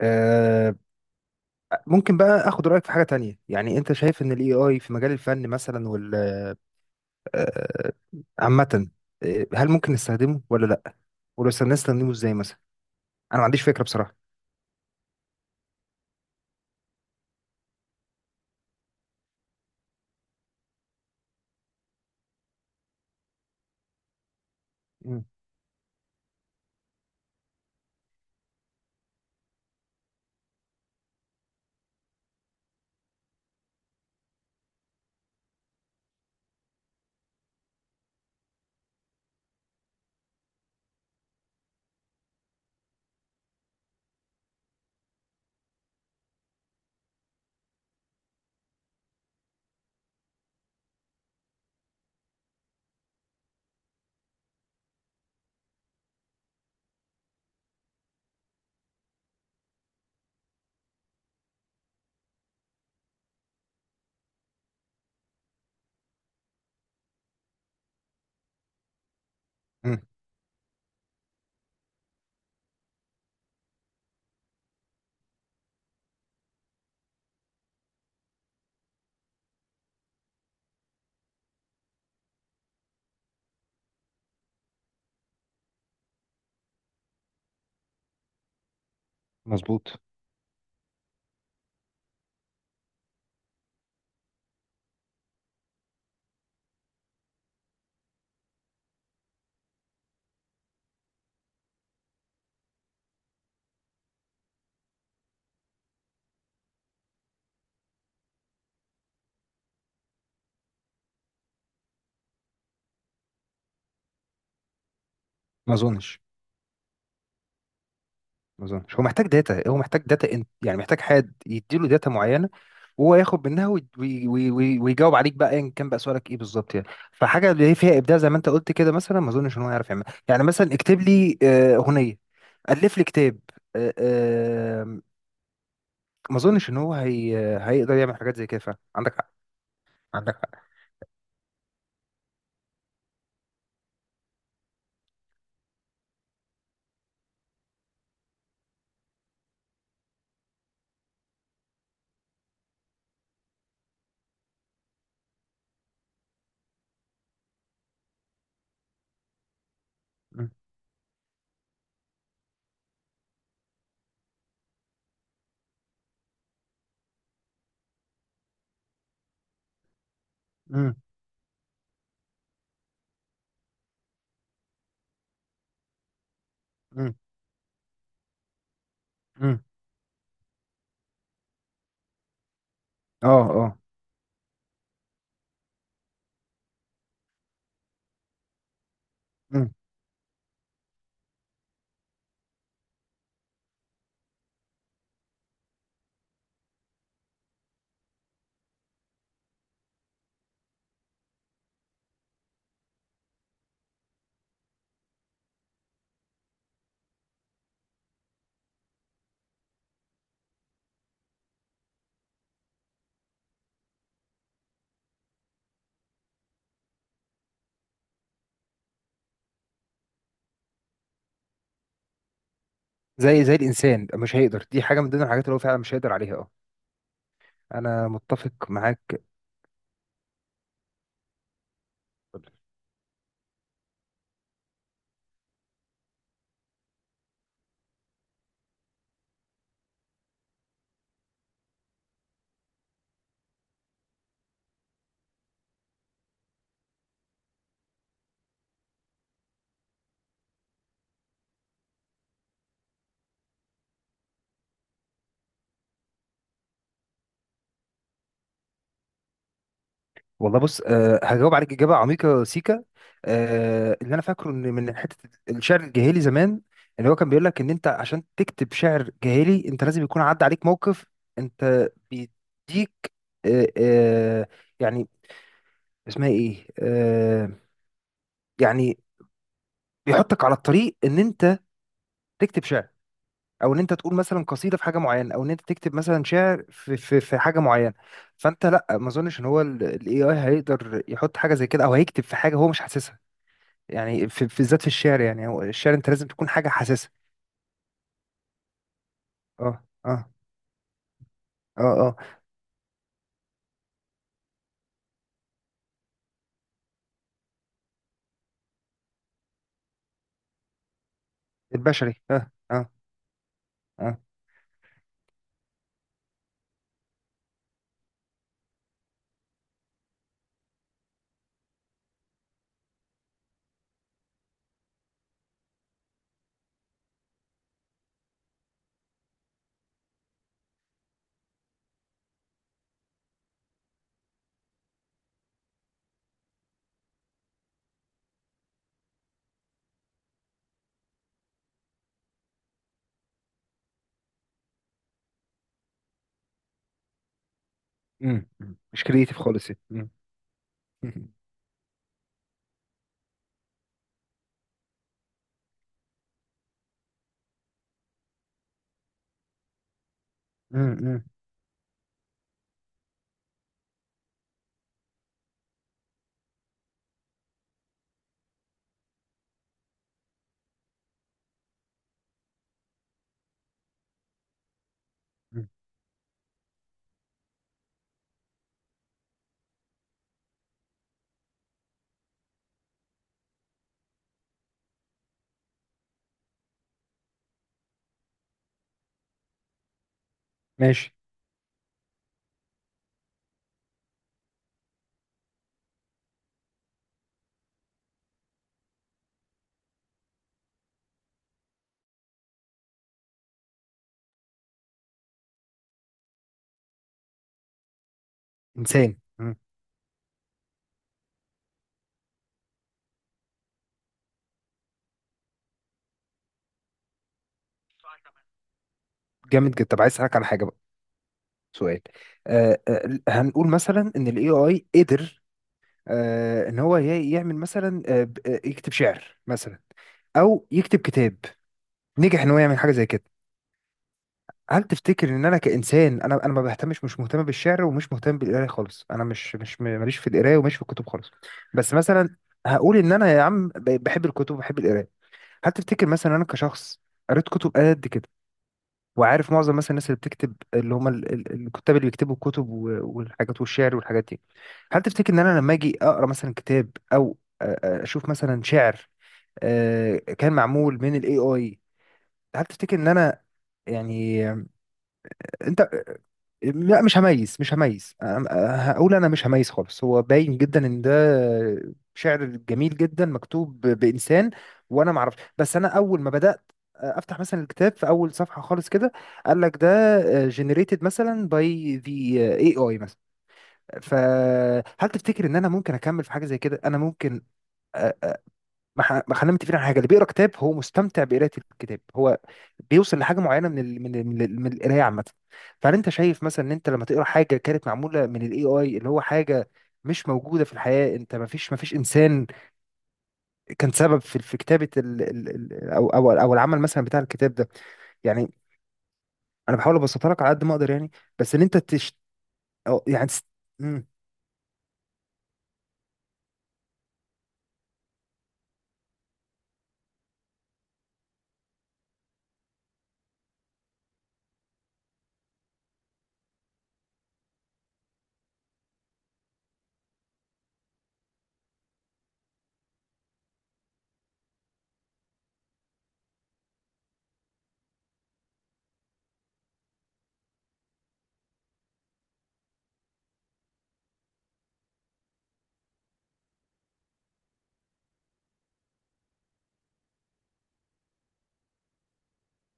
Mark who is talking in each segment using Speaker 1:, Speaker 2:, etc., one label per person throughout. Speaker 1: آه، ممكن بقى اخد رايك في حاجه تانية، يعني انت شايف ان الاي اي في مجال الفن مثلا وال آه، عامه. هل ممكن نستخدمه ولا لا؟ ولو استخدمنا نستخدمه ازاي مثلا؟ انا ما عنديش فكره بصراحه. مم. مم. مظبوط. ما اظنش. ما اظنش هو محتاج داتا، هو محتاج داتا، انت يعني محتاج حد يديله داتا معينه، وهو ياخد منها ويجاوب عليك بقى ايا كان بقى سؤالك ايه بالظبط يعني. فحاجه اللي هي فيها ابداع زي ما انت قلت كده مثلا، ما اظنش ان هو يعرف يعملها، يعني مثلا اكتب لي اغنيه، الف لي كتاب. آه، آه، ما اظنش ان هو هيقدر يعمل حاجات زي كده، فعلا عندك حق، عندك حق. مم. مم. مم. مم. اه اه. مم. زي الانسان مش هيقدر، دي حاجه من ضمن الحاجات اللي هو فعلا مش هيقدر عليها، اه، انا متفق معاك. والله بص، هجاوب عليك اجابه عميقه سيكا. أه، اللي انا فاكره ان من حته الشعر الجاهلي زمان، اللي هو كان بيقول لك ان انت عشان تكتب شعر جاهلي انت لازم يكون عدى عليك موقف، انت بيديك، أه أه، يعني، اسمها ايه، يعني، بيحطك على الطريق ان انت تكتب شعر، او ان انت تقول مثلا قصيده في حاجه معينه، او ان انت تكتب مثلا شعر في في حاجه معينه. فانت، لا، ما اظنش ان هو الاي اي هيقدر يحط حاجه زي كده، او هيكتب في حاجه هو مش حاسسها، يعني بالذات في الشعر، يعني هو الشعر انت لازم تكون حاجه حاسسها. اه اه. اه اه. البشري، اه اه. اه. امم. أمم. مش كريتيف خالص يعني. امم. أمم. أمم. أمم. ماشي. انسان، أمم. جامد جدا. طب، عايز اسالك على حاجه بقى، سؤال. هنقول مثلا ان الاي اي قدر، ان هو يعمل مثلا، يكتب شعر مثلا، او يكتب كتاب، نجح ان هو يعمل حاجه زي كده. هل تفتكر ان انا كانسان، انا ما بهتمش، مش مهتم بالشعر ومش مهتم بالقرايه خالص، انا مش مش م- ماليش في القرايه وماليش في الكتب خالص. بس مثلا، هقول ان انا يا عم بحب الكتب وبحب القرايه. هل تفتكر مثلا انا كشخص قريت كتب قد كده، وعارف معظم مثلا الناس اللي بتكتب اللي هم الكتاب اللي بيكتبوا الكتب والحاجات والشعر والحاجات دي، هل تفتكر ان انا لما اجي اقرا مثلا كتاب او اشوف مثلا شعر كان معمول من الاي اي، هل تفتكر ان انا، يعني، انت؟ لا، مش هميز، مش هميز، هقول انا مش هميز خالص، هو باين جدا ان ده شعر جميل جدا مكتوب بانسان، وانا ما اعرفش. بس انا اول ما بدات افتح مثلا الكتاب في اول صفحه خالص كده، قال لك ده generated مثلا by the AI مثلا. فهل تفتكر ان انا ممكن اكمل في حاجه زي كده؟ انا ممكن، ما، خلينا متفقين على حاجه، اللي بيقرا كتاب هو مستمتع بقراءه الكتاب، هو بيوصل لحاجه معينه من من القرايه عامه. فهل انت شايف مثلا ان انت لما تقرا حاجه كانت معموله من الاي اي، اللي هو حاجه مش موجوده في الحياه، انت ما فيش انسان كان سبب في كتابه ال ال ال او او او العمل مثلا بتاع الكتاب ده، يعني، انا بحاول ابسطها لك على قد ما اقدر يعني، بس ان انت تش، أو يعني تس-. مم.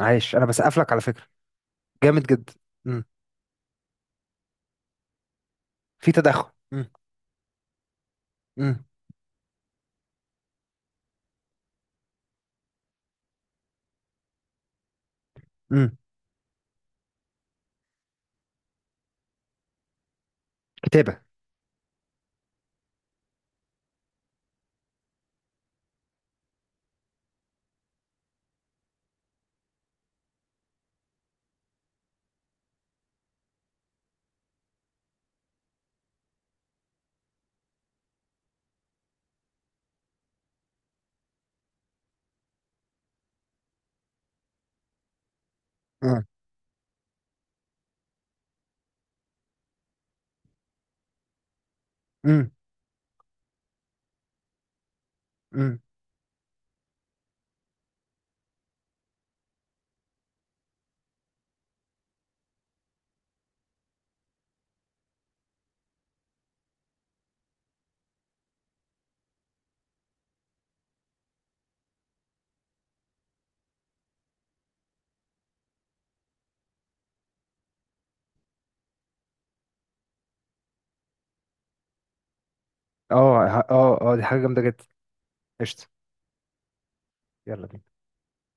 Speaker 1: عايش، انا بسقف لك على فكره، جامد جدا. مم. في تدخل. مم. مم. مم. كتابه. مم. مم. مم. اه اه، دي حاجة جامدة جدا. قشطة. يلا بينا.